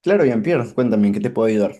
Claro, Jean-Pierre, cuéntame, ¿en qué te puedo ayudar?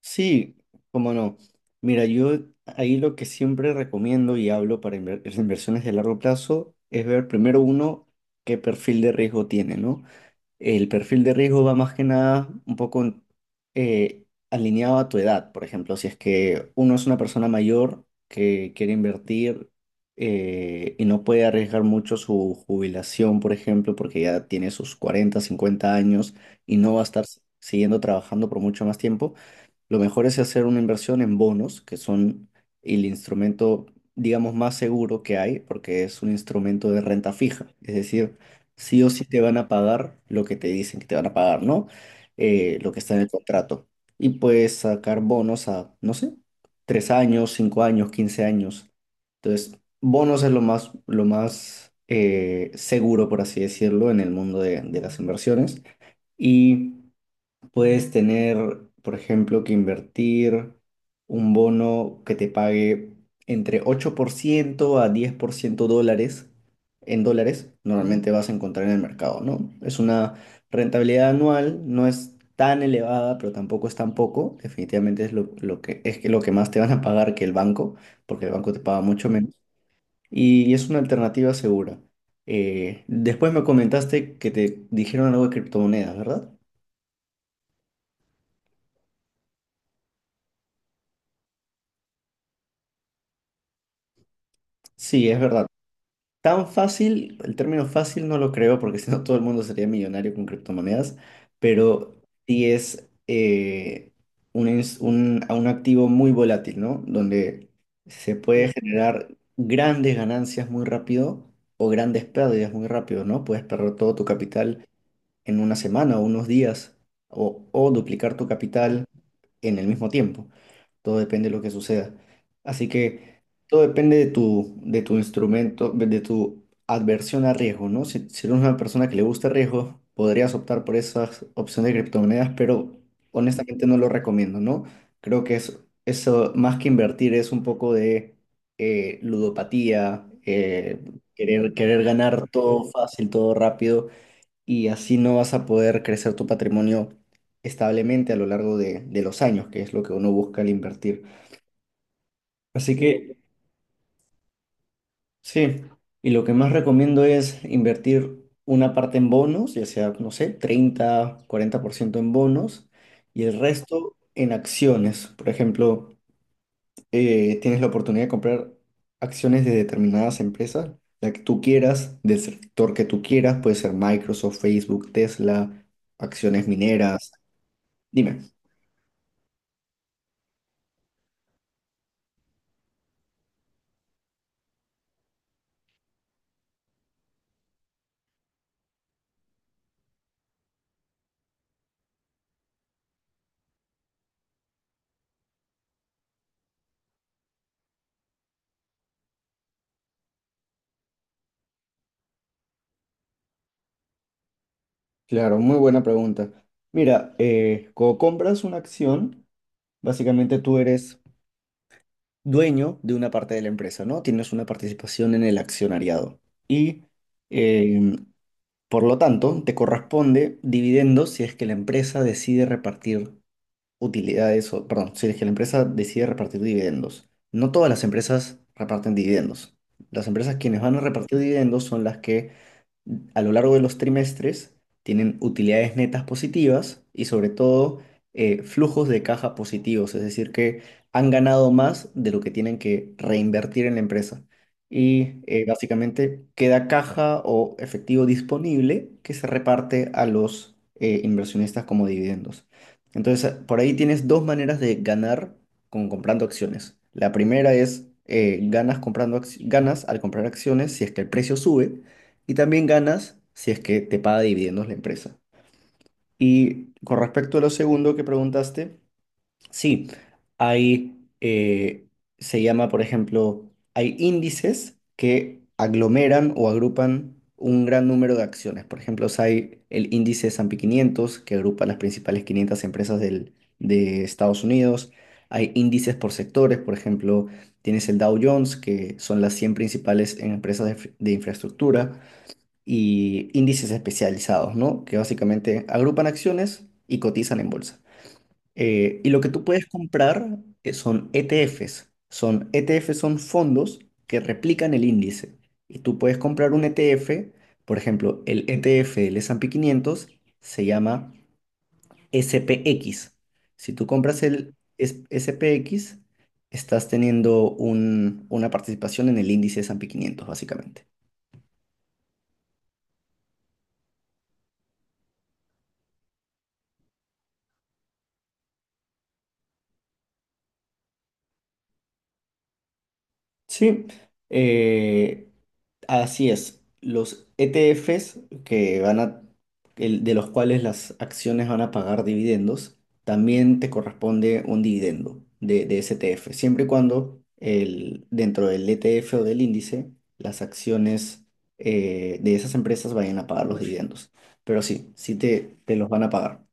Sí, cómo no. Mira, yo ahí lo que siempre recomiendo y hablo para las inversiones de largo plazo es ver primero uno qué perfil de riesgo tiene, ¿no? El perfil de riesgo va más que nada un poco alineado a tu edad. Por ejemplo, si es que uno es una persona mayor que quiere invertir y no puede arriesgar mucho su jubilación, por ejemplo, porque ya tiene sus 40, 50 años y no va a estar siguiendo trabajando por mucho más tiempo, lo mejor es hacer una inversión en bonos, que son el instrumento, digamos, más seguro que hay, porque es un instrumento de renta fija. Es decir, sí o sí te van a pagar lo que te dicen que te van a pagar, ¿no? Lo que está en el contrato. Y puedes sacar bonos a, no sé, 3 años, 5 años, 15 años. Entonces, bonos es lo más seguro, por así decirlo, en el mundo de las inversiones. Y Puedes tener, por ejemplo, que invertir un bono que te pague entre 8% a 10% dólares en dólares. Normalmente vas a encontrar en el mercado, ¿no? Es una rentabilidad anual, no es tan elevada, pero tampoco es tan poco. Definitivamente es es que lo que más te van a pagar que el banco, porque el banco te paga mucho menos. Y es una alternativa segura. Después me comentaste que te dijeron algo de criptomonedas, ¿verdad? Sí, es verdad. Tan fácil, el término fácil no lo creo porque si no todo el mundo sería millonario con criptomonedas, pero sí es un, ins- un- a un activo muy volátil, ¿no? Donde se puede generar grandes ganancias muy rápido o grandes pérdidas muy rápido, ¿no? Puedes perder todo tu capital en una semana o unos días o, duplicar tu capital en el mismo tiempo. Todo depende de lo que suceda. Así que todo depende de tu instrumento, de tu adversión a riesgo, ¿no? Si eres una persona que le gusta el riesgo, podrías optar por esas opciones de criptomonedas, pero honestamente no lo recomiendo, ¿no? Creo que eso, más que invertir, es un poco de ludopatía, querer ganar todo fácil, todo rápido, y así no vas a poder crecer tu patrimonio establemente a lo largo de los años, que es lo que uno busca al invertir. Así que sí, y lo que más recomiendo es invertir una parte en bonos, ya sea, no sé, 30 40% en bonos y el resto en acciones. Por ejemplo, tienes la oportunidad de comprar acciones de determinadas empresas, la que tú quieras, del sector que tú quieras, puede ser Microsoft, Facebook, Tesla, acciones mineras. Dime. Claro, muy buena pregunta. Mira, cuando compras una acción, básicamente tú eres dueño de una parte de la empresa, ¿no? Tienes una participación en el accionariado. Y eh, por lo tanto, te corresponde dividendos si es que la empresa decide repartir utilidades, o, perdón, si es que la empresa decide repartir dividendos. No todas las empresas reparten dividendos. Las empresas quienes van a repartir dividendos son las que a lo largo de los trimestres tienen utilidades netas positivas y sobre todo flujos de caja positivos, es decir, que han ganado más de lo que tienen que reinvertir en la empresa. Y básicamente queda caja o efectivo disponible que se reparte a los inversionistas como dividendos. Entonces, por ahí tienes dos maneras de ganar con comprando acciones. La primera es ganas al comprar acciones si es que el precio sube. Y también ganas si es que te paga dividendos la empresa. Y con respecto a lo segundo que preguntaste, sí, hay, se llama, por ejemplo, hay índices que aglomeran o agrupan un gran número de acciones. Por ejemplo, si hay el índice S&P 500 que agrupa las principales 500 empresas de Estados Unidos. Hay índices por sectores, por ejemplo, tienes el Dow Jones, que son las 100 principales en empresas de, de infraestructura y índices especializados, ¿no? Que básicamente agrupan acciones y cotizan en bolsa. Y lo que tú puedes comprar son ETFs. Son fondos que replican el índice. Y tú puedes comprar un ETF, por ejemplo, el ETF del S&P 500 se llama SPX. Si tú compras el SPX, estás teniendo una participación en el índice S&P 500, básicamente. Sí, eh, así es. Los ETFs que van a, de los cuales las acciones van a pagar dividendos, también te corresponde un dividendo de ese ETF, siempre y cuando el, dentro del ETF o del índice, las acciones de esas empresas vayan a pagar los dividendos. Pero sí, sí te los van a pagar.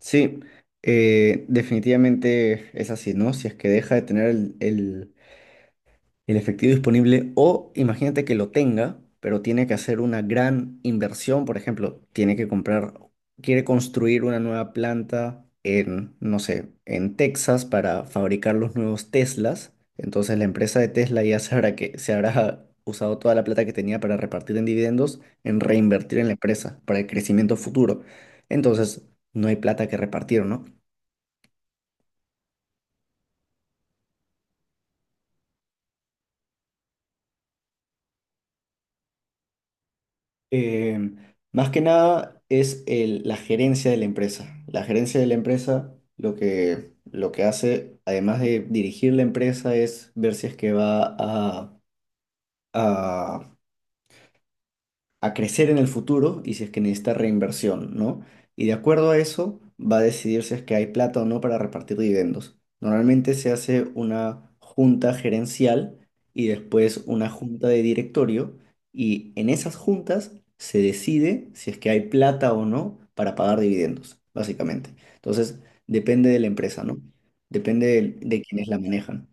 Sí, definitivamente es así, ¿no? Si es que deja de tener el efectivo disponible o imagínate que lo tenga, pero tiene que hacer una gran inversión, por ejemplo, tiene que comprar, quiere construir una nueva planta en, no sé, en Texas para fabricar los nuevos Teslas, entonces la empresa de Tesla ya sabrá que se habrá usado toda la plata que tenía para repartir en dividendos en reinvertir en la empresa para el crecimiento futuro. Entonces, no hay plata que repartir, ¿no? Eh, Más que nada es la gerencia de la empresa. La gerencia de la empresa lo que hace, además de dirigir la empresa, es ver si es que va a a crecer en el futuro y si es que necesita reinversión, ¿no? Y de acuerdo a eso va a decidir si es que hay plata o no para repartir dividendos. Normalmente se hace una junta gerencial y después una junta de directorio y en esas juntas se decide si es que hay plata o no para pagar dividendos, básicamente. Entonces, depende de la empresa, ¿no? Depende de quienes la manejan.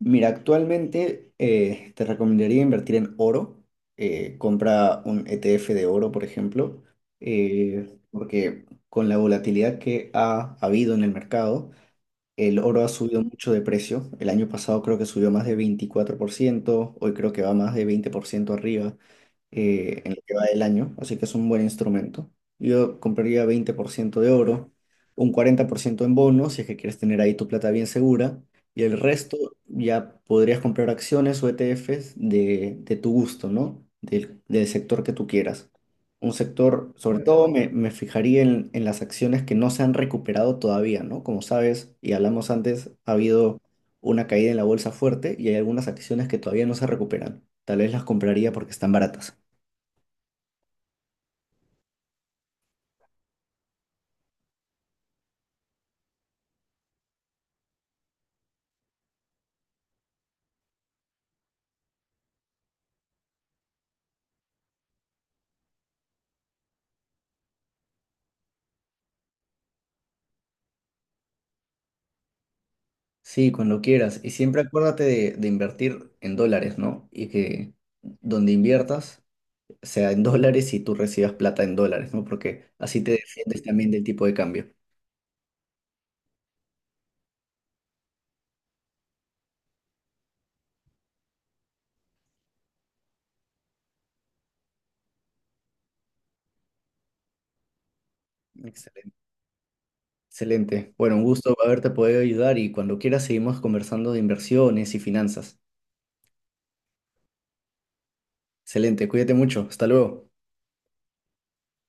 Mira, actualmente te recomendaría invertir en oro. Compra un ETF de oro, por ejemplo, porque con la volatilidad que ha habido en el mercado, el oro ha subido mucho de precio. El año pasado creo que subió más de 24%, hoy creo que va más de 20% arriba en lo que va del año, así que es un buen instrumento. Yo compraría 20% de oro, un 40% en bonos, si es que quieres tener ahí tu plata bien segura, y el resto ya podrías comprar acciones o ETFs de tu gusto, ¿no? Del sector que tú quieras. Un sector, sobre todo me fijaría en las acciones que no se han recuperado todavía, ¿no? Como sabes, y hablamos antes, ha habido una caída en la bolsa fuerte y hay algunas acciones que todavía no se recuperan. Tal vez las compraría porque están baratas. Sí, cuando quieras. Y siempre acuérdate de invertir en dólares, ¿no? Y que donde inviertas sea en dólares y tú recibas plata en dólares, ¿no? Porque así te defiendes también del tipo de cambio. Excelente. Excelente. Bueno, un gusto haberte podido ayudar y cuando quieras seguimos conversando de inversiones y finanzas. Excelente. Cuídate mucho. Hasta luego.